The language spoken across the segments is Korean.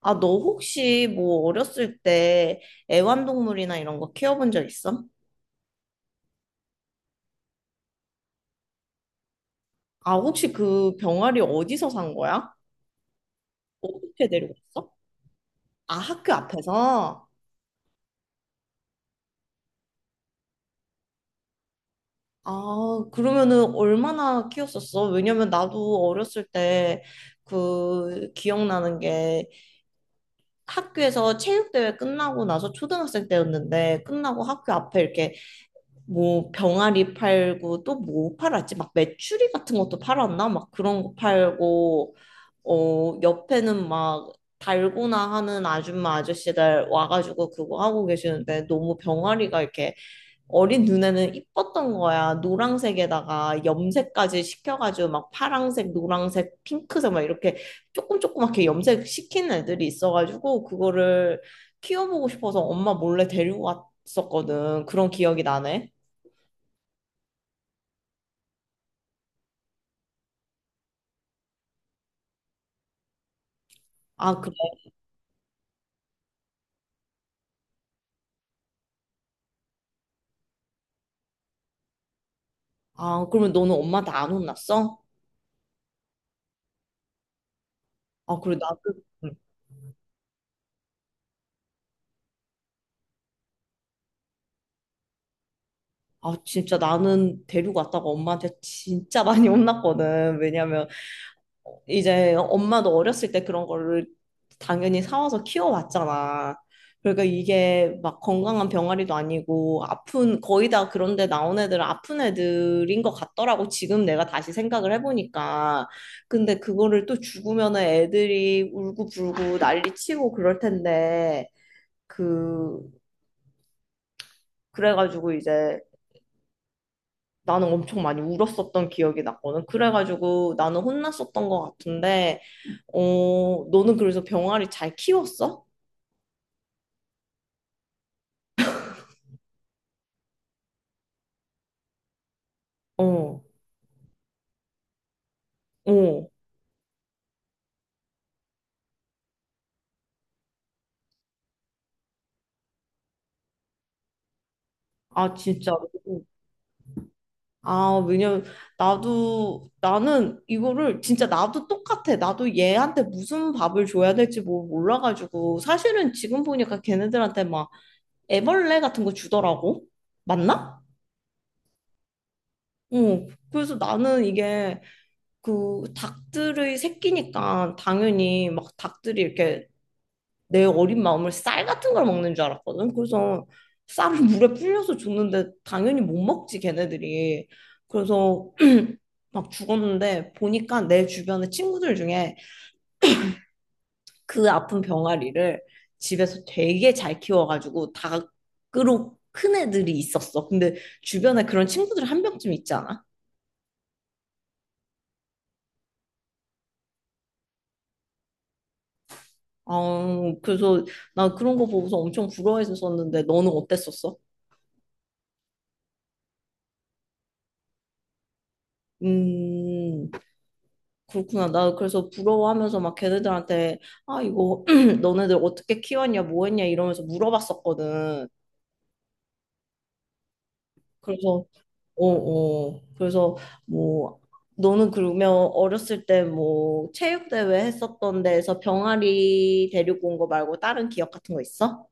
아, 너 혹시 뭐 어렸을 때 애완동물이나 이런 거 키워본 적 있어? 아, 혹시 그 병아리 어디서 산 거야? 어떻게 데리고 왔어? 아, 학교 앞에서? 아, 그러면은 얼마나 키웠었어? 왜냐면 나도 어렸을 때 그 기억나는 게 학교에서 체육대회 끝나고 나서 초등학생 때였는데 끝나고 학교 앞에 이렇게 뭐 병아리 팔고 또 뭐 팔았지? 막 메추리 같은 것도 팔았나? 막 그런 거 팔고 어 옆에는 막 달고나 하는 아줌마 아저씨들 와가지고 그거 하고 계시는데 너무 병아리가 이렇게 어린 눈에는 이뻤던 거야. 노란색에다가 염색까지 시켜가지고 막 파랑색, 노란색, 핑크색 막 이렇게 조금 조그맣게 염색 시킨 애들이 있어가지고 그거를 키워보고 싶어서 엄마 몰래 데리고 갔었거든. 그런 기억이 나네. 아, 그래. 아, 그러면 너는 엄마한테 안 혼났어? 아, 그래. 나는, 응. 아, 진짜 나는 데리고 왔다가 엄마한테 진짜 많이 혼났거든. 왜냐면 이제 엄마도 어렸을 때 그런 거를 당연히 사와서 키워왔잖아. 그러니까 이게 막 건강한 병아리도 아니고 아픈, 거의 다 그런데 나온 애들은 아픈 애들인 것 같더라고. 지금 내가 다시 생각을 해보니까. 근데 그거를 또 죽으면 애들이 울고 불고 난리 치고 그럴 텐데. 그 그래가지고 이제 나는 엄청 많이 울었었던 기억이 났거든. 그래가지고 나는 혼났었던 것 같은데, 어, 너는 그래서 병아리 잘 키웠어? 어, 어. 아, 진짜. 아, 왜냐면 나도 나는 이거를 진짜 나도 똑같아. 나도 얘한테 무슨 밥을 줘야 될지 뭐 몰라가지고 사실은 지금 보니까 걔네들한테 막 애벌레 같은 거 주더라고. 맞나? 어. 그래서 나는 이게 그 닭들의 새끼니까 당연히 막 닭들이 이렇게 내 어린 마음을 쌀 같은 걸 먹는 줄 알았거든. 그래서 쌀을 물에 불려서 줬는데 당연히 못 먹지 걔네들이. 그래서 막 죽었는데 보니까 내 주변의 친구들 중에 그 아픈 병아리를 집에서 되게 잘 키워가지고 닭으로 큰 애들이 있었어. 근데 주변에 그런 친구들 한 명쯤 있지 않아? 아, 그래서 나 그런 거 보고서 엄청 부러워했었는데 너는 어땠었어? 음, 그렇구나. 나 그래서 부러워하면서 막 걔네들한테, 아, 이거, 너네들 어떻게 키웠냐, 뭐 했냐, 이러면서 물어봤었거든. 그래서, 어, 어. 그래서, 뭐, 너는 그러면 어렸을 때 뭐, 체육대회 했었던 데에서 병아리 데리고 온 거 말고 다른 기억 같은 거 있어?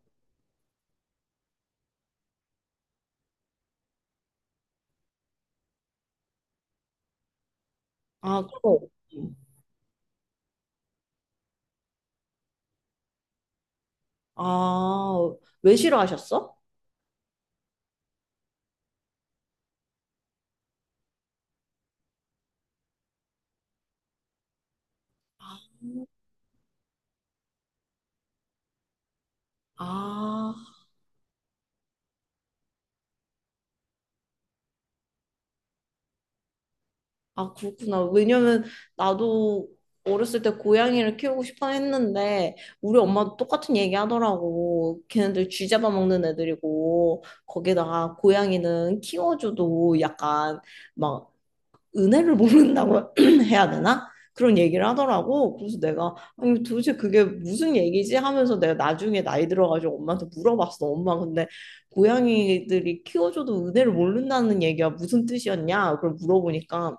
아, 그거. 없지. 아, 왜 싫어하셨어? 아, 아, 그렇구나. 왜냐면 나도 어렸을 때 고양이를 키우고 싶어 했는데 우리 엄마도 똑같은 얘기 하더라고. 걔네들 쥐 잡아먹는 애들이고 거기다가 고양이는 키워줘도 약간 막 은혜를 모른다고 해야 되나? 그런 얘기를 하더라고. 그래서 내가 아니 도대체 그게 무슨 얘기지? 하면서 내가 나중에 나이 들어가지고 엄마한테 물어봤어. 엄마 근데 고양이들이 키워줘도 은혜를 모른다는 얘기가 무슨 뜻이었냐? 그걸 물어보니까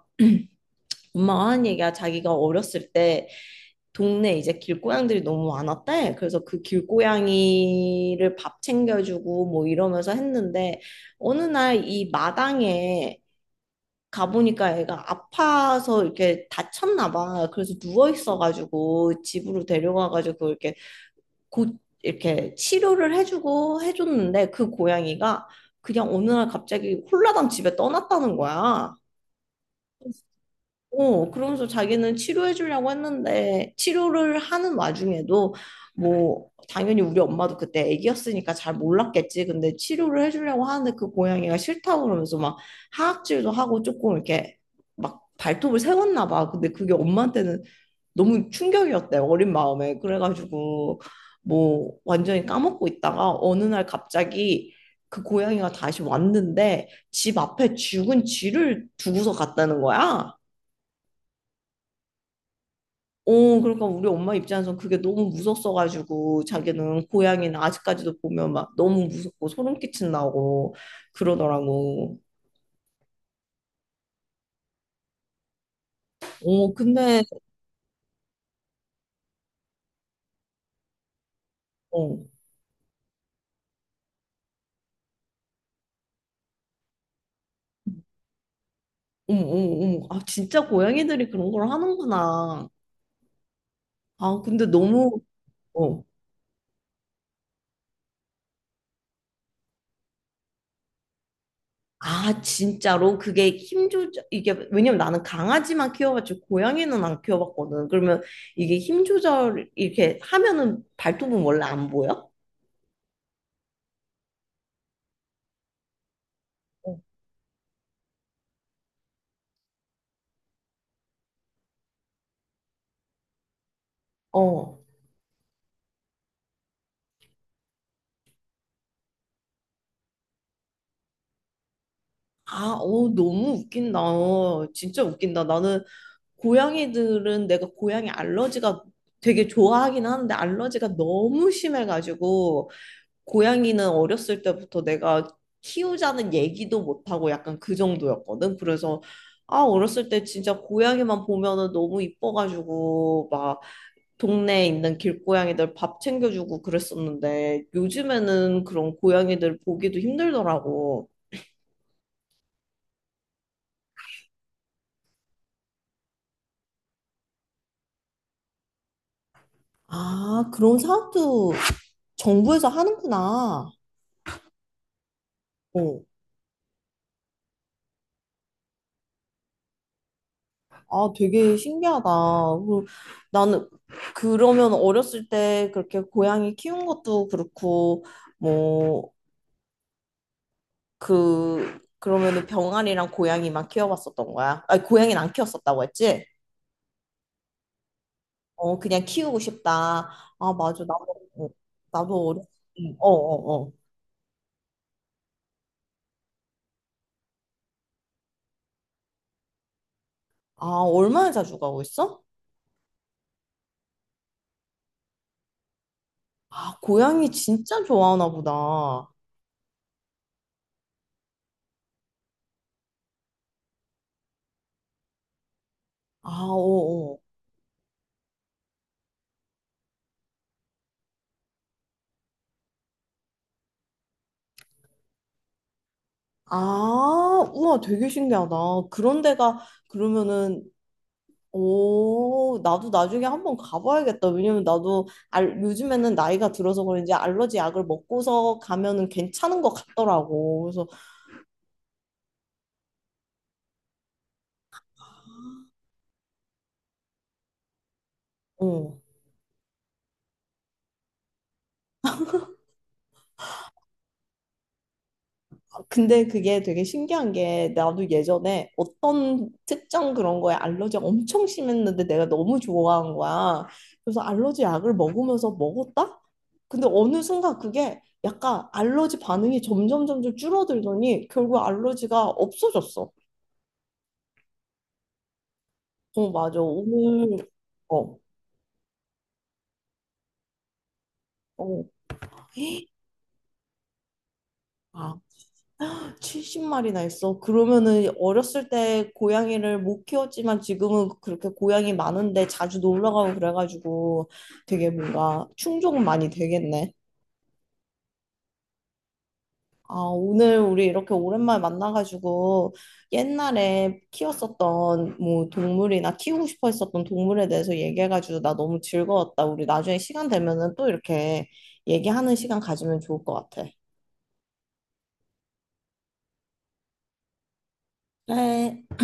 엄마가 하는 얘기가 자기가 어렸을 때 동네 이제 길고양들이 너무 많았대. 그래서 그 길고양이를 밥 챙겨주고 뭐 이러면서 했는데 어느 날 이 마당에 가보니까 애가 아파서 이렇게 다쳤나 봐. 그래서 누워 있어가지고 집으로 데려가가지고 이렇게 곧 이렇게 치료를 해주고 해줬는데 그 고양이가 그냥 어느 날 갑자기 홀라당 집에 떠났다는 거야. 어, 그러면서 자기는 치료해 주려고 했는데 치료를 하는 와중에도 뭐 당연히 우리 엄마도 그때 아기였으니까 잘 몰랐겠지. 근데 치료를 해 주려고 하는데 그 고양이가 싫다고 그러면서 막 하악질도 하고 조금 이렇게 막 발톱을 세웠나 봐. 근데 그게 엄마한테는 너무 충격이었대. 어린 마음에. 그래가지고 뭐 완전히 까먹고 있다가 어느 날 갑자기 그 고양이가 다시 왔는데 집 앞에 죽은 쥐를 두고서 갔다는 거야. 어, 그러니까 우리 엄마 입장에선 그게 너무 무섭어가지고 자기는 고양이는 아직까지도 보면 막 너무 무섭고 소름 끼친다고 그러더라고. 어, 근데 어, 어머, 어머, 어머. 아, 진짜 고양이들이 그런 걸 하는구나. 아, 근데 너무 어. 아, 진짜로 그게 힘 조절 이게 왜냐면 나는 강아지만 키워봤지 고양이는 안 키워봤거든. 그러면 이게 힘 조절 이렇게 하면은 발톱은 원래 안 보여? 어. 어. 아, 어, 너무 웃긴다. 어, 진짜 웃긴다. 나는 고양이들은 내가 고양이 알러지가 되게 좋아하긴 하는데 알러지가 너무 심해가지고 고양이는 어렸을 때부터 내가 키우자는 얘기도 못하고 약간 그 정도였거든. 그래서 아, 어렸을 때 진짜 고양이만 보면은 너무 이뻐가지고 막 동네에 있는 길고양이들 밥 챙겨주고 그랬었는데 요즘에는 그런 고양이들 보기도 힘들더라고. 아, 그런 사업도 정부에서 하는구나. 어. 아, 되게 신기하다. 그, 나는 그러면 어렸을 때 그렇게 고양이 키운 것도 그렇고, 뭐, 그, 그러면은 병아리랑 고양이만 키워봤었던 거야. 아니, 고양이는 안 키웠었다고 했지? 어, 그냥 키우고 싶다. 아, 맞아. 나도, 어, 나도 어렸을 때. 어, 어, 어. 아, 얼마나 자주 가고 있어? 아, 고양이 진짜 좋아하나 보다. 아, 어, 어. 아, 우와, 되게 신기하다. 그런 데가 그러면은 오, 나도 나중에 한번 가봐야겠다. 왜냐면 나도 알, 요즘에는 나이가 들어서 그런지 알러지 약을 먹고서 가면은 괜찮은 것 같더라고. 그래서 어. 근데 그게 되게 신기한 게 나도 예전에 어떤 특정 그런 거에 알러지가 엄청 심했는데 내가 너무 좋아한 거야. 그래서 알러지 약을 먹으면서 먹었다? 근데 어느 순간 그게 약간 알러지 반응이 점점 점점 줄어들더니 결국 알러지가 없어졌어. 어, 맞아. 오늘 어, 어. 아, 70마리나 있어. 그러면은 어렸을 때 고양이를 못 키웠지만 지금은 그렇게 고양이 많은데 자주 놀러 가고 그래가지고 되게 뭔가 충족은 많이 되겠네. 아, 오늘 우리 이렇게 오랜만에 만나가지고 옛날에 키웠었던 뭐 동물이나 키우고 싶어 했었던 동물에 대해서 얘기해가지고 나 너무 즐거웠다. 우리 나중에 시간 되면은 또 이렇게 얘기하는 시간 가지면 좋을 것 같아. 그래.